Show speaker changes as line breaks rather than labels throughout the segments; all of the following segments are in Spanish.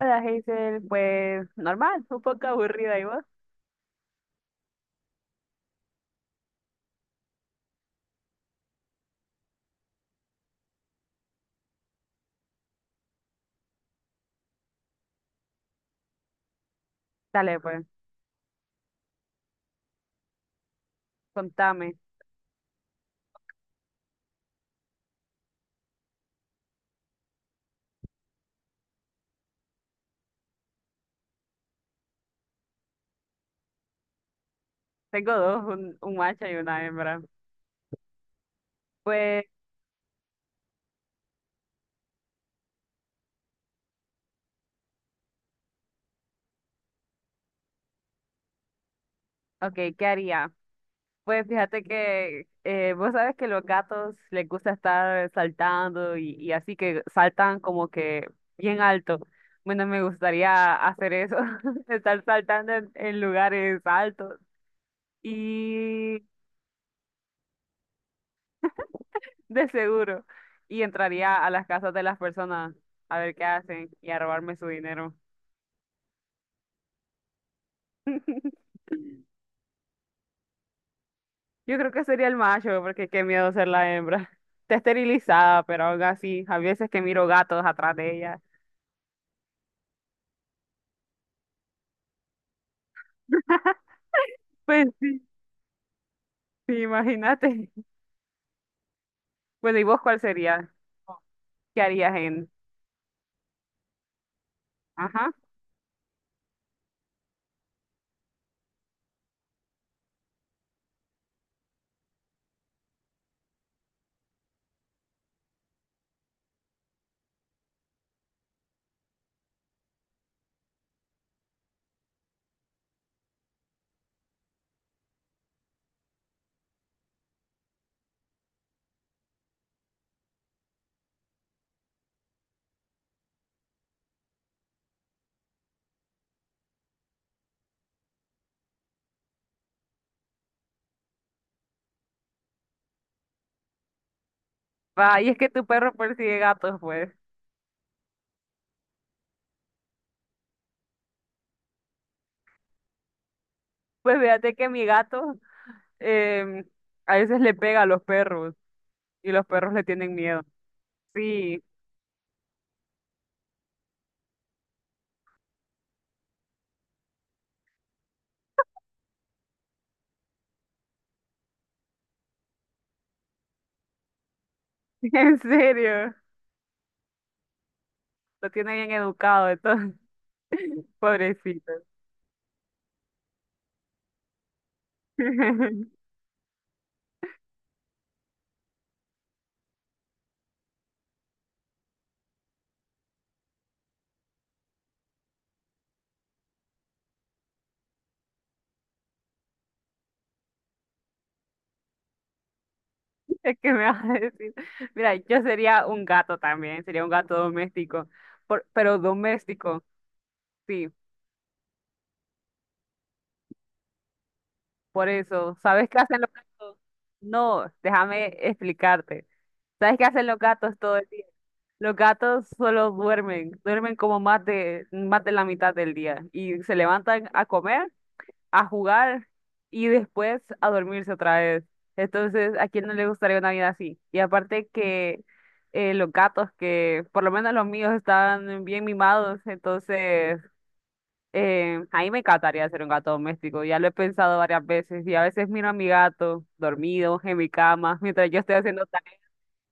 Hola, Hazel, pues normal, un poco aburrida, ¿y vos? Dale, pues, contame. Tengo dos, un macho y una hembra. Pues, ok, ¿qué haría? Pues fíjate que vos sabes que los gatos les gusta estar saltando, y así que saltan como que bien alto. Bueno, me gustaría hacer eso, estar saltando en lugares altos y de seguro. Y entraría a las casas de las personas a ver qué hacen y a robarme su dinero. Yo creo que sería el macho, porque qué miedo ser la hembra. Está esterilizada, pero aún así, a veces que miro gatos atrás de ella. Pues sí, sí, imagínate. Bueno, ¿y vos cuál sería? ¿Qué harías en? Ajá. Va, y es que tu perro persigue gatos, pues. Pues fíjate que mi gato em, a veces le pega a los perros y los perros le tienen miedo. Sí, en serio. Lo tiene bien educado, entonces, pobrecito. Es que me vas a decir, mira, yo sería un gato también, sería un gato doméstico, pero doméstico, sí, por eso. ¿Sabes qué hacen los gatos? No, déjame explicarte. ¿Sabes qué hacen los gatos todo el día? Los gatos solo duermen, duermen como más de la mitad del día y se levantan a comer, a jugar y después a dormirse otra vez. Entonces, ¿a quién no le gustaría una vida así? Y aparte que los gatos, que por lo menos los míos están bien mimados, entonces a mí me encantaría ser un gato doméstico. Ya lo he pensado varias veces y a veces miro a mi gato dormido en mi cama mientras yo estoy haciendo tareas.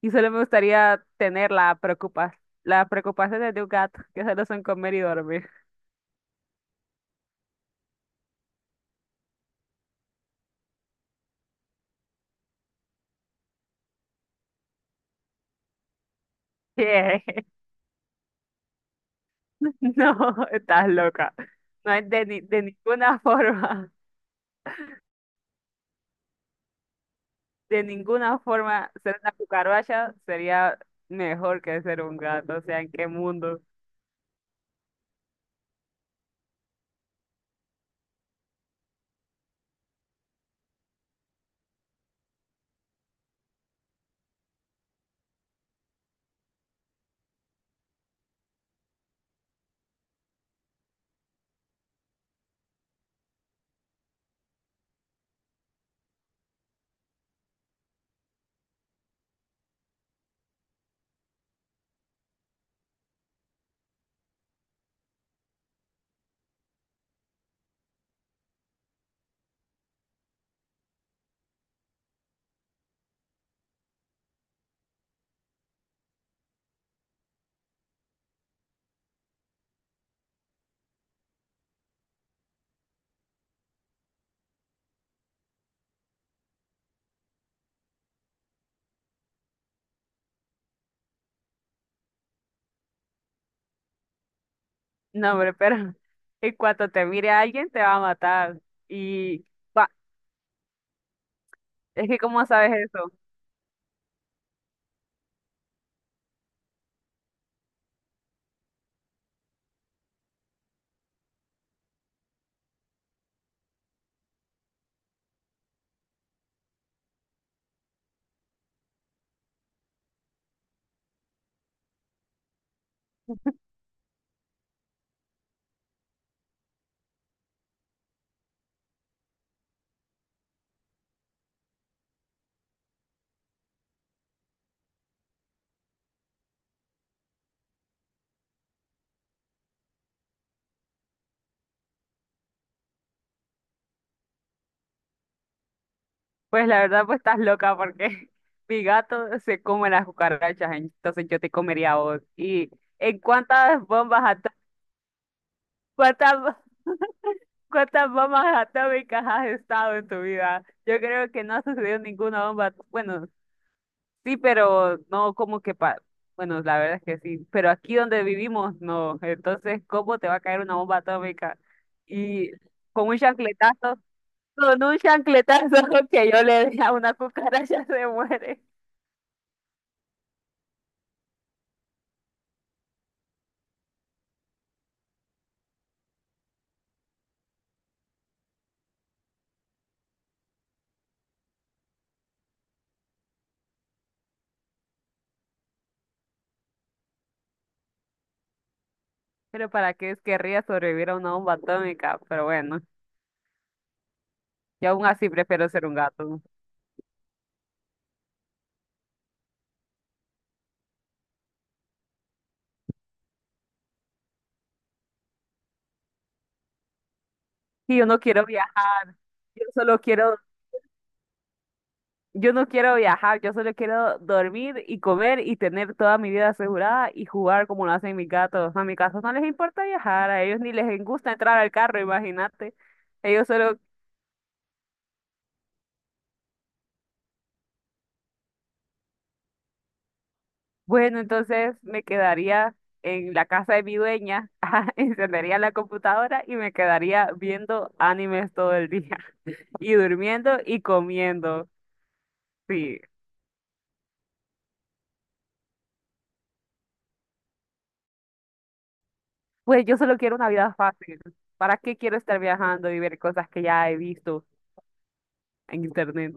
Y solo me gustaría tener la preocupa las preocupaciones de un gato, que solo son comer y dormir. No, estás loca. No es de, de ninguna forma, de ninguna forma ser una cucaracha sería mejor que ser un gato. O sea, ¿en qué mundo? No, hombre, pero en cuanto te mire alguien te va a matar. Y va, es que ¿cómo sabes eso? Pues la verdad, pues estás loca porque mi gato se come las cucarachas, entonces yo te comería a vos. ¿Y en cuántas bombas atómicas? ¿Cuántas bombas atómicas has estado en tu vida? Yo creo que no ha sucedido ninguna bomba. Bueno, sí, pero no como que pa... Bueno, la verdad es que sí, pero aquí donde vivimos, no. Entonces, ¿cómo te va a caer una bomba atómica? Y con un chancletazo, con un chancletazo que yo le dé a una cucaracha se muere. Pero ¿para qué querría sobrevivir a una bomba atómica? Pero bueno, yo aún así prefiero ser un gato. Y yo no quiero viajar, yo solo quiero yo no quiero viajar, yo solo quiero dormir y comer y tener toda mi vida asegurada y jugar como lo hacen mis gatos. A mis gatos no les importa viajar, a ellos ni les gusta entrar al carro, imagínate. Ellos solo, bueno, entonces me quedaría en la casa de mi dueña, ajá, encendería la computadora y me quedaría viendo animes todo el día y durmiendo y comiendo. Sí, pues yo solo quiero una vida fácil. ¿Para qué quiero estar viajando y ver cosas que ya he visto en internet?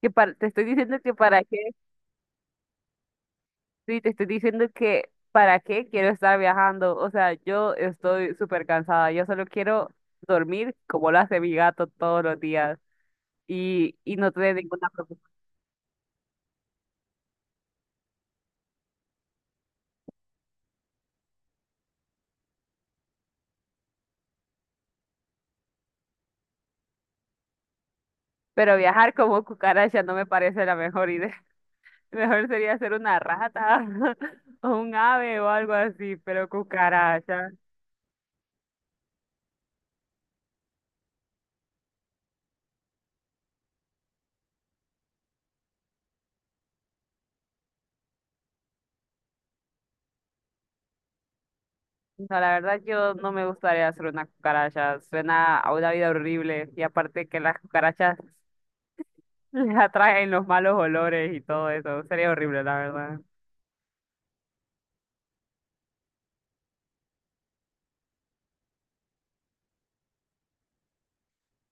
Te estoy diciendo que para qué, sí, te estoy diciendo que para qué quiero estar viajando. O sea, yo estoy súper cansada. Yo solo quiero dormir como lo hace mi gato todos los días y no tener ninguna preocupación. Pero viajar como cucaracha no me parece la mejor idea. Mejor sería ser una rata o un ave o algo así, pero cucaracha. No, la verdad yo no me gustaría ser una cucaracha. Suena a una vida horrible y aparte que las cucarachas les atraen los malos olores y todo eso. Sería horrible, la verdad.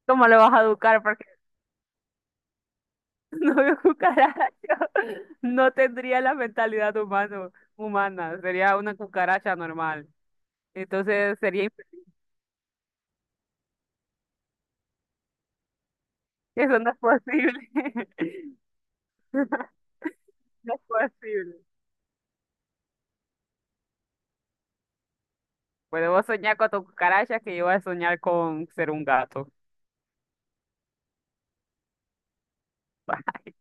¿Cómo lo vas a educar? Porque no veo cucaracha. No tendría la mentalidad humana. Sería una cucaracha normal. Entonces sería... Eso no es posible. No es posible. Pues debo soñar con tu cucaracha que yo voy a soñar con ser un gato.